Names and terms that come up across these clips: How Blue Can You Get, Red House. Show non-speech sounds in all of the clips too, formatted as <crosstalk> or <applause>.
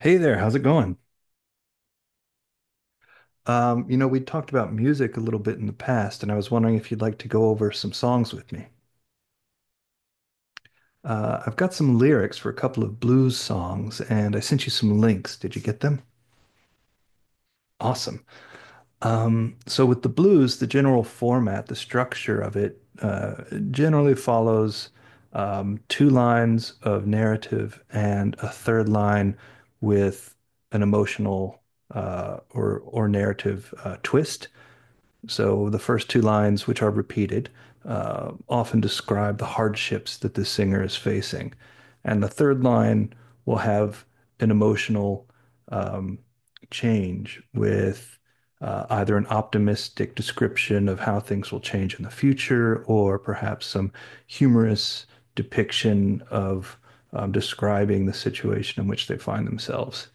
Hey there, how's it going? We talked about music a little bit in the past, and I was wondering if you'd like to go over some songs with me. I've got some lyrics for a couple of blues songs, and I sent you some links. Did you get them? Awesome. So with the blues, the general format, the structure of it, generally follows two lines of narrative and a third line with an emotional or narrative twist. So the first two lines, which are repeated, often describe the hardships that the singer is facing. And the third line will have an emotional um, change with either an optimistic description of how things will change in the future or perhaps some humorous depiction of describing the situation in which they find themselves.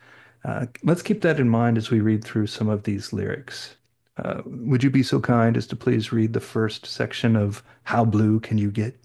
Let's keep that in mind as we read through some of these lyrics. Would you be so kind as to please read the first section of How Blue Can You Get?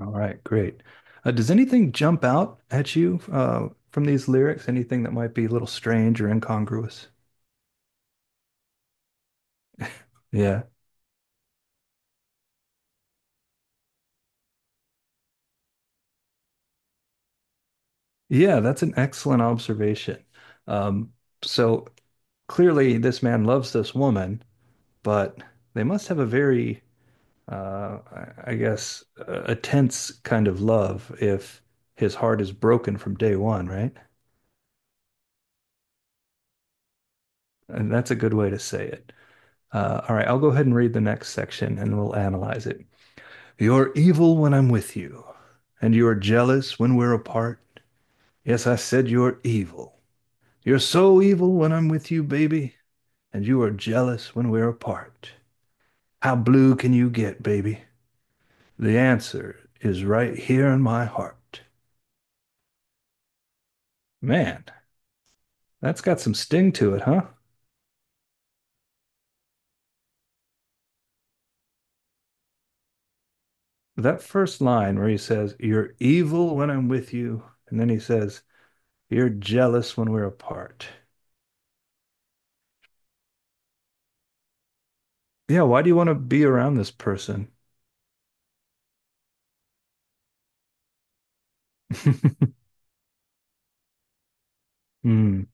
All right, great. Does anything jump out at you from these lyrics? Anything that might be a little strange or incongruous? Yeah. Yeah, that's an excellent observation. Um, so clearly, this man loves this woman, but they must have a very, I guess, a tense kind of love if his heart is broken from day one, right? And that's a good way to say it. All right, I'll go ahead and read the next section and we'll analyze it. You're evil when I'm with you, and you are jealous when we're apart. Yes, I said you're evil. You're so evil when I'm with you, baby, and you are jealous when we're apart. How blue can you get, baby? The answer is right here in my heart. Man, that's got some sting to it, huh? That first line where he says, You're evil when I'm with you, and then he says, You're jealous when we're apart. Yeah, why do you want to be around this person? <laughs> Mm. Hmm.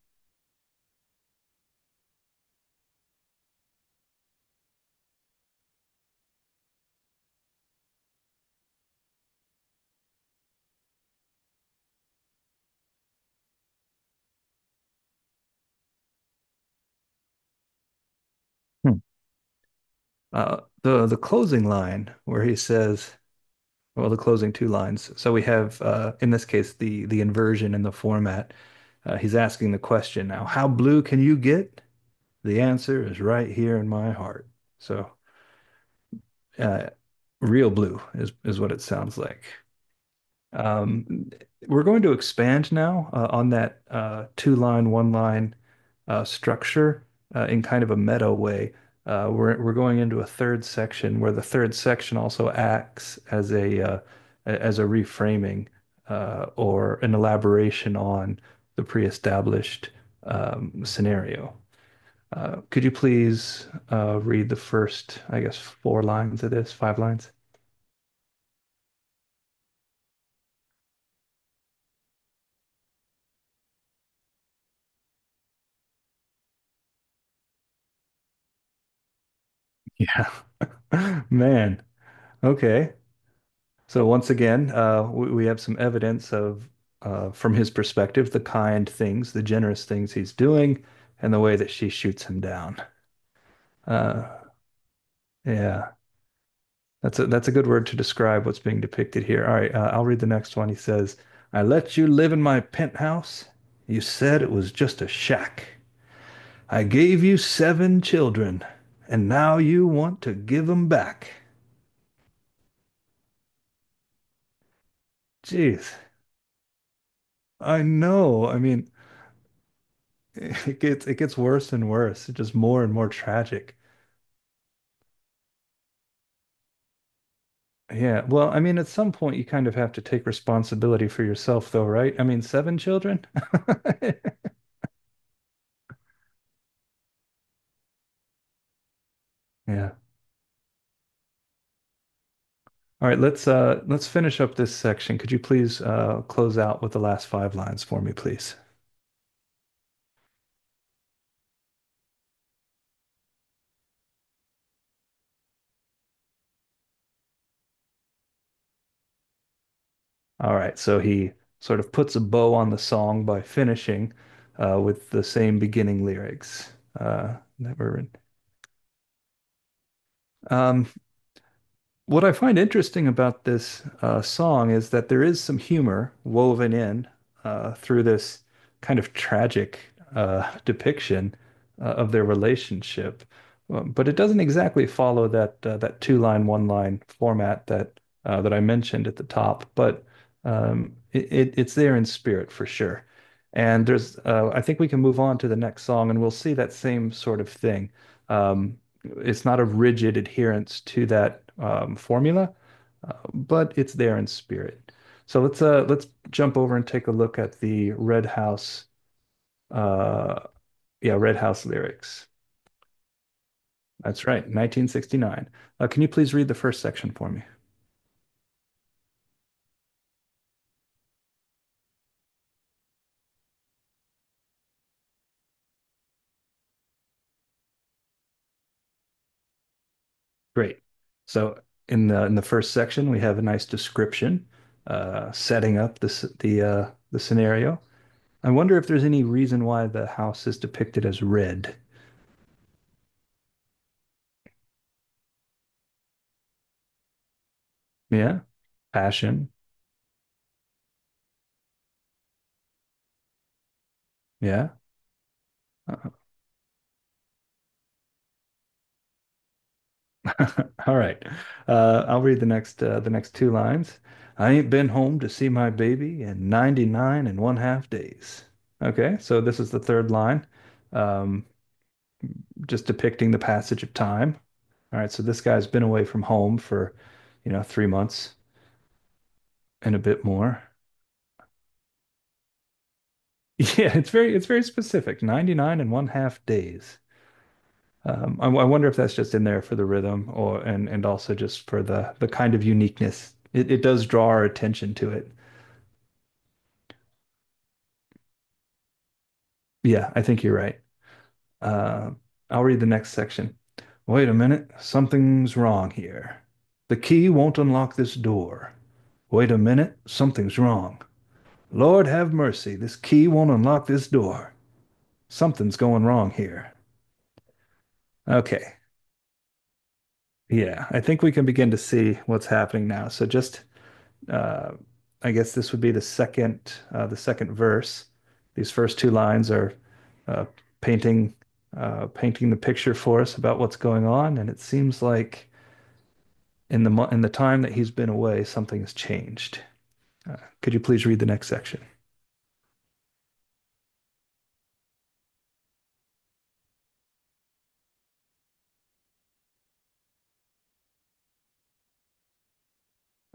The closing line where he says, well, the closing two lines. So we have, in this case, the inversion in the format. He's asking the question now, how blue can you get? The answer is right here in my heart. So, uh, real blue is what it sounds like. Um, we're going to expand now on that two line, one line structure in kind of a meta way. We're going into a third section where the third section also acts as a reframing or an elaboration on the pre-established scenario. Could you please read the first, I guess, four lines of this, five lines? Yeah. <laughs> Man, okay. So once again, we have some evidence of, from his perspective, the kind things, the generous things he's doing, and the way that she shoots him down. Uh, yeah, that's a good word to describe what's being depicted here. All right, I'll read the next one. He says, "I let you live in my penthouse. You said it was just a shack. I gave you seven children, and now you want to give 'em back. Jeez, I know. I mean." It gets worse and worse. It's just more and more tragic. Yeah. Well, I mean, at some point you kind of have to take responsibility for yourself though, right? I mean, seven children? <laughs> Yeah. All right, let's finish up this section. Could you please close out with the last five lines for me, please? All right. So he sort of puts a bow on the song by finishing with the same beginning lyrics. Never written. Um What I find interesting about this song is that there is some humor woven in through this kind of tragic depiction of their relationship. But it doesn't exactly follow that that two line, one line format that that I mentioned at the top. But it's there in spirit for sure. And there's, I think we can move on to the next song, and we'll see that same sort of thing. Um, it's not a rigid adherence to that formula, but it's there in spirit. So let's jump over and take a look at the Red House. Uh, yeah, Red House lyrics. That's right, 1969. Can you please read the first section for me? Great. So in the first section, we have a nice description, setting up the scenario. I wonder if there's any reason why the house is depicted as red. Yeah, passion. Yeah, uh, all right. I'll read the next two lines. I ain't been home to see my baby in 99 and one half days. Okay, so this is the third line, um, just depicting the passage of time. All right, so this guy's been away from home for, you know, 3 months and a bit more. <laughs> Yeah, it's very specific. 99 and one half days. I wonder if that's just in there for the rhythm or and also just for the kind of uniqueness. It does draw our attention to it. Yeah, I think you're right. Uh, I'll read the next section. Wait a minute, something's wrong here. The key won't unlock this door. Wait a minute, something's wrong. Lord have mercy, this key won't unlock this door. Something's going wrong here. Okay, yeah, I think we can begin to see what's happening now. So just uh, I guess this would be the second verse. These first two lines are uh, painting painting the picture for us about what's going on, and it seems like in the time that he's been away, something has changed. Could you please read the next section?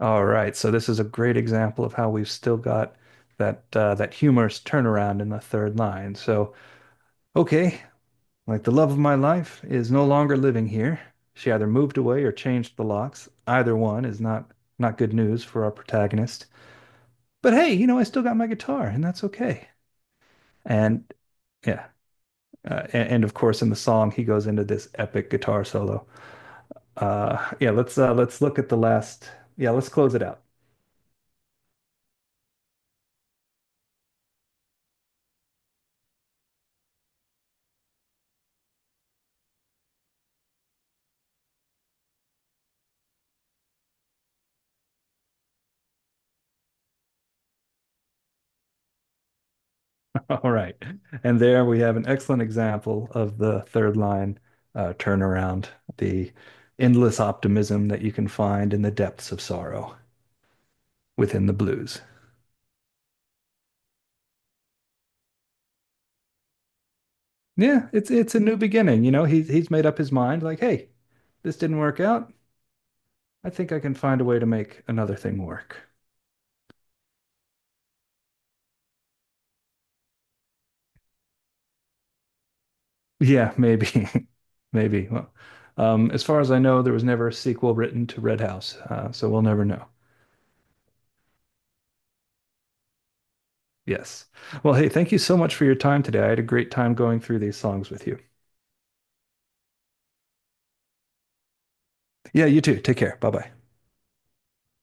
All right, so this is a great example of how we've still got that that humorous turnaround in the third line. So okay, like the love of my life is no longer living here. She either moved away or changed the locks. Either one is not good news for our protagonist. But hey, you know, I still got my guitar, and that's okay. And yeah, and of course, in the song, he goes into this epic guitar solo. Let's look at the last. Yeah, let's close it out. <laughs> All right, and there we have an excellent example of the third line turnaround, the endless optimism that you can find in the depths of sorrow within the blues. Yeah, it's a new beginning. You know, he's made up his mind. Like, hey, this didn't work out. I think I can find a way to make another thing work. Yeah, maybe, <laughs> maybe. Well, as far as I know, there was never a sequel written to Red House, so we'll never know. Yes. Well, hey, thank you so much for your time today. I had a great time going through these songs with you. Yeah, you too. Take care. Bye bye.